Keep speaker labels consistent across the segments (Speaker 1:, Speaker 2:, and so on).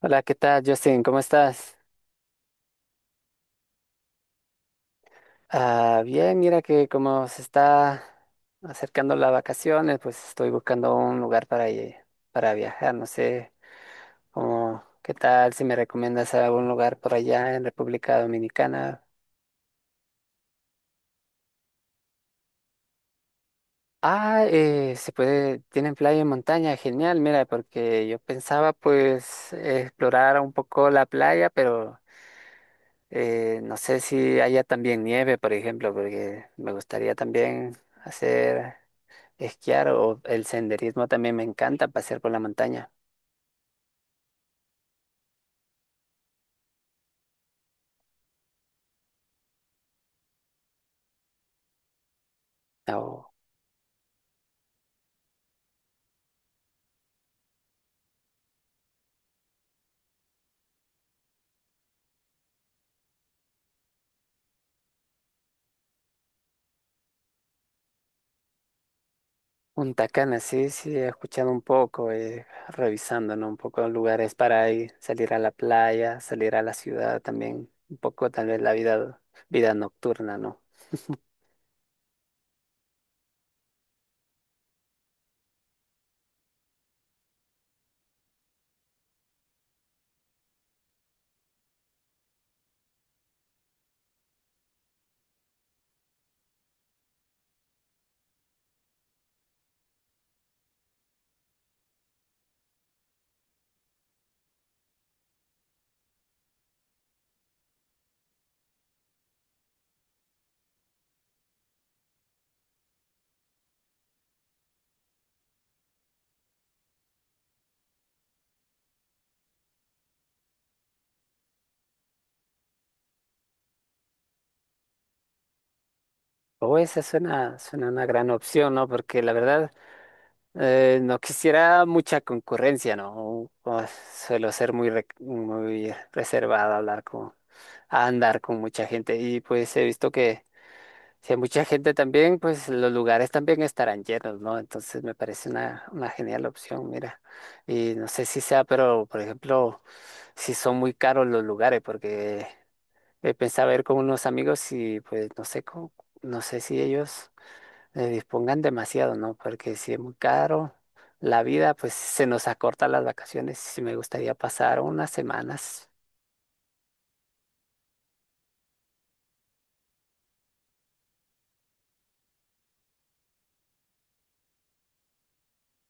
Speaker 1: Hola, ¿qué tal, Justin? ¿Cómo estás? Bien, mira que como se está acercando las vacaciones, pues estoy buscando un lugar para viajar. No sé, como, ¿qué tal si me recomiendas algún lugar por allá en República Dominicana? Se puede, tienen playa y montaña, genial, mira, porque yo pensaba pues explorar un poco la playa, pero no sé si haya también nieve, por ejemplo, porque me gustaría también hacer esquiar o el senderismo también me encanta, pasear por la montaña. O un Cana, sí, sí, he escuchado un poco, revisando, ¿no? Un poco lugares para ir, salir a la playa, salir a la ciudad también, un poco tal vez vida nocturna, ¿no? O esa suena, suena una gran opción, ¿no? Porque la verdad, no quisiera mucha concurrencia, ¿no? O suelo ser muy reservado a hablar con, a andar con mucha gente y pues he visto que si hay mucha gente también, pues los lugares también estarán llenos, ¿no? Entonces me parece una genial opción, mira. Y no sé si sea, pero por ejemplo, si son muy caros los lugares, porque pensaba ir con unos amigos y pues no sé, no sé si ellos dispongan demasiado, ¿no? Porque si es muy caro la vida, pues se nos acorta las vacaciones y me gustaría pasar unas semanas,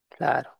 Speaker 1: claro.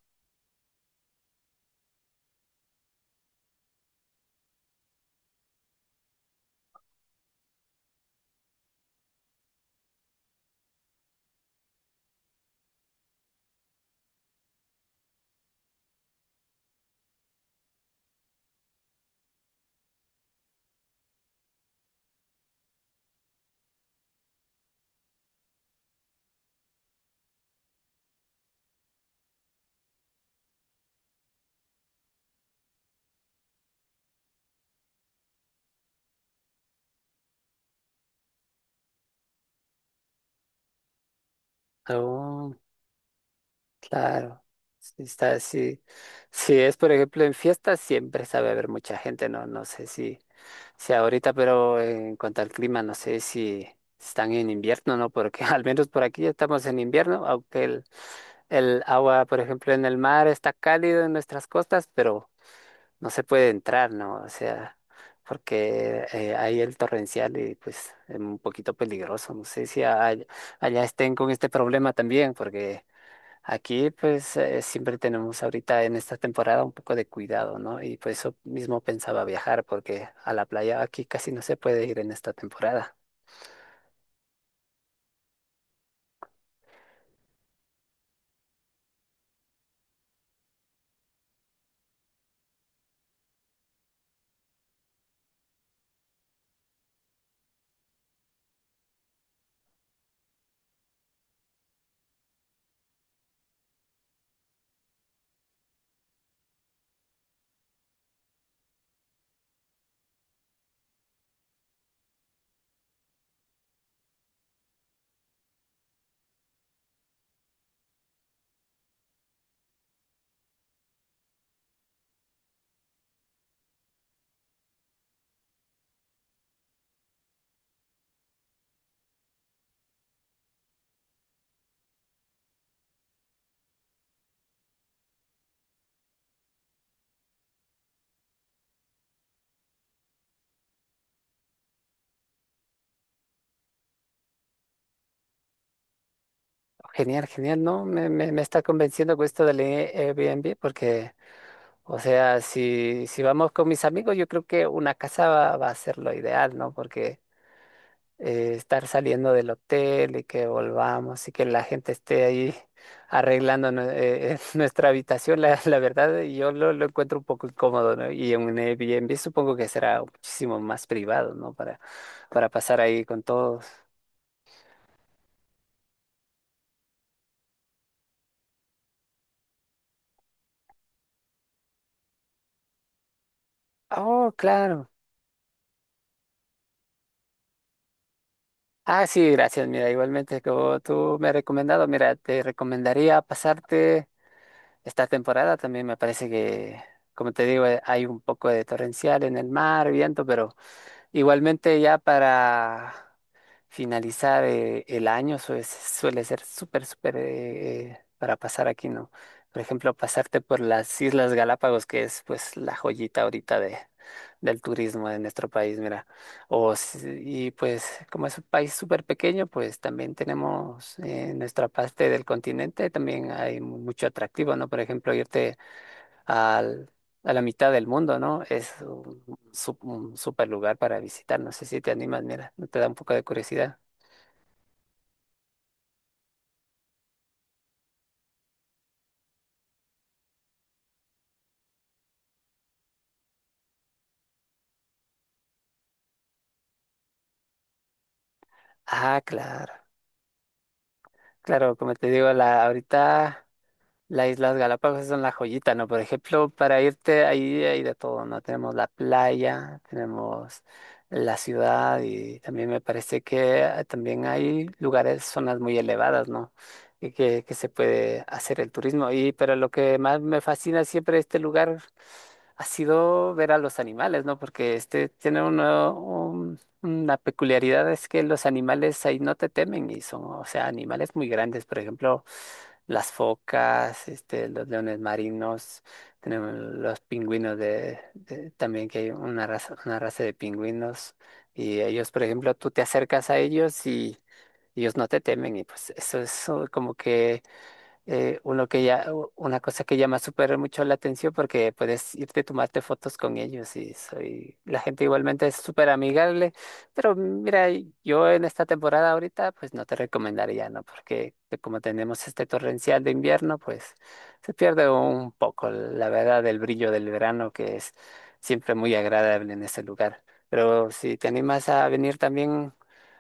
Speaker 1: Oh. Claro, sí está sí. Sí es, por ejemplo, en fiestas siempre sabe haber mucha gente, no, no sé si, si ahorita, pero en cuanto al clima, no sé si están en invierno, ¿no? Porque al menos por aquí ya estamos en invierno, aunque el agua, por ejemplo, en el mar está cálido en nuestras costas, pero no se puede entrar, ¿no? O sea, porque hay el torrencial y pues es un poquito peligroso. No sé si allá estén con este problema también, porque… Aquí pues siempre tenemos ahorita en esta temporada un poco de cuidado, ¿no? Y por eso mismo pensaba viajar, porque a la playa aquí casi no se puede ir en esta temporada. Genial, genial, ¿no? Me está convenciendo con esto del Airbnb, porque, o sea, si, si vamos con mis amigos, yo creo que una casa va a ser lo ideal, ¿no? Porque estar saliendo del hotel y que volvamos y que la gente esté ahí nuestra habitación, la verdad yo lo encuentro un poco incómodo, ¿no? Y en un Airbnb supongo que será muchísimo más privado, ¿no? Para pasar ahí con todos. Oh, claro. Ah, sí, gracias. Mira, igualmente, como tú me has recomendado, mira, te recomendaría pasarte esta temporada. También me parece que, como te digo, hay un poco de torrencial en el mar, viento, pero igualmente ya para finalizar el año suele, suele ser súper, súper para pasar aquí, ¿no? Por ejemplo, pasarte por las Islas Galápagos, que es pues la joyita ahorita del turismo de nuestro país, mira. O, y pues como es un país súper pequeño, pues también tenemos nuestra parte del continente, también hay mucho atractivo, ¿no? Por ejemplo, al- a la mitad del mundo, ¿no? Es un super lugar para visitar. No sé si te animas, mira, te da un poco de curiosidad. Ah, claro. Claro, como te digo, la, ahorita. Las Islas Galápagos son la joyita, ¿no? Por ejemplo, para irte ahí hay de todo, ¿no? Tenemos la playa, tenemos la ciudad y también me parece que ah, también hay lugares, zonas muy elevadas, ¿no? Que se puede hacer el turismo. Y pero lo que más me fascina siempre de este lugar ha sido ver a los animales, ¿no? Porque este tiene uno. La peculiaridad es que los animales ahí no te temen y son, o sea, animales muy grandes. Por ejemplo, las focas, este, los leones marinos, tenemos los pingüinos también que hay una raza de pingüinos y ellos, por ejemplo, tú te acercas a ellos y ellos no te temen y pues eso es como que eh, uno que ya, una cosa que llama súper mucho la atención porque puedes irte a tomarte fotos con ellos y soy, la gente igualmente es súper amigable, pero mira, yo en esta temporada ahorita pues no te recomendaría, ¿no? Porque como tenemos este torrencial de invierno, pues se pierde un poco, la verdad, del brillo del verano que es siempre muy agradable en ese lugar. Pero si te animas a venir también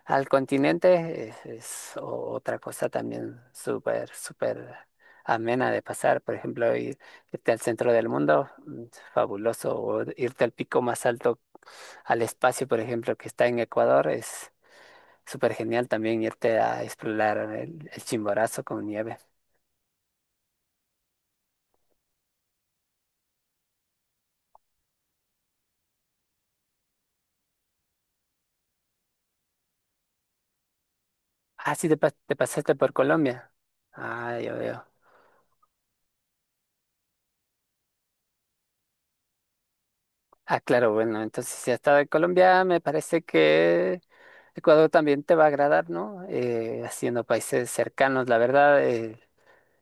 Speaker 1: al continente es otra cosa también súper, súper amena de pasar. Por ejemplo, irte al centro del mundo, mm, fabuloso. O irte al pico más alto, al espacio, por ejemplo, que está en Ecuador, es súper genial también irte a explorar el Chimborazo con nieve. Ah, sí, te pasaste por Colombia. Ah, yo veo. Ah, claro, bueno, entonces si has estado en Colombia, me parece que Ecuador también te va a agradar, ¿no? Haciendo países cercanos, la verdad,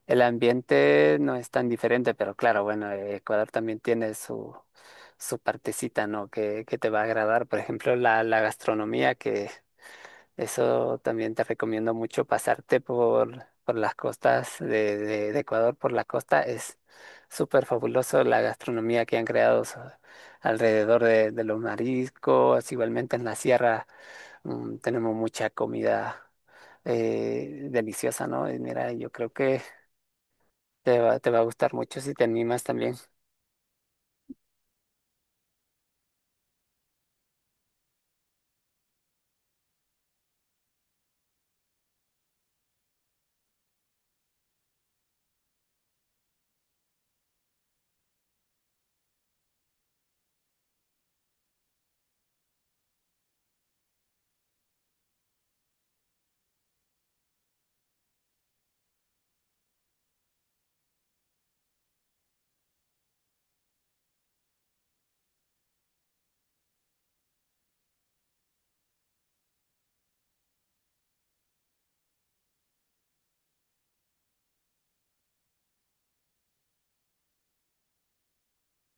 Speaker 1: el ambiente no es tan diferente, pero claro, bueno, Ecuador también tiene su partecita, ¿no? Que te va a agradar, por ejemplo, la gastronomía, que eso también te recomiendo mucho pasarte por las costas de Ecuador, por la costa. Es súper fabuloso la gastronomía que han creado alrededor de los mariscos. Igualmente en la sierra mm, tenemos mucha comida deliciosa, ¿no? Y mira, yo creo que te va a gustar mucho si te animas también.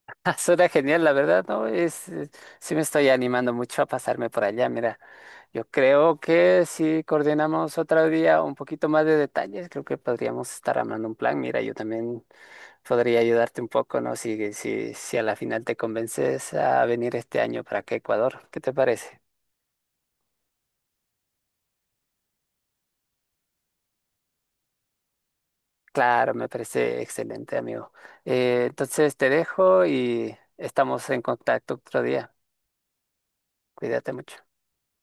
Speaker 1: Ah, suena genial, la verdad, ¿no? Sí me estoy animando mucho a pasarme por allá. Mira, yo creo que si coordinamos otro día un poquito más de detalles, creo que podríamos estar armando un plan. Mira, yo también podría ayudarte un poco, ¿no? Si a la final te convences a venir este año para acá, a Ecuador, ¿qué te parece? Claro, me parece excelente, amigo. Entonces te dejo y estamos en contacto otro día. Cuídate mucho.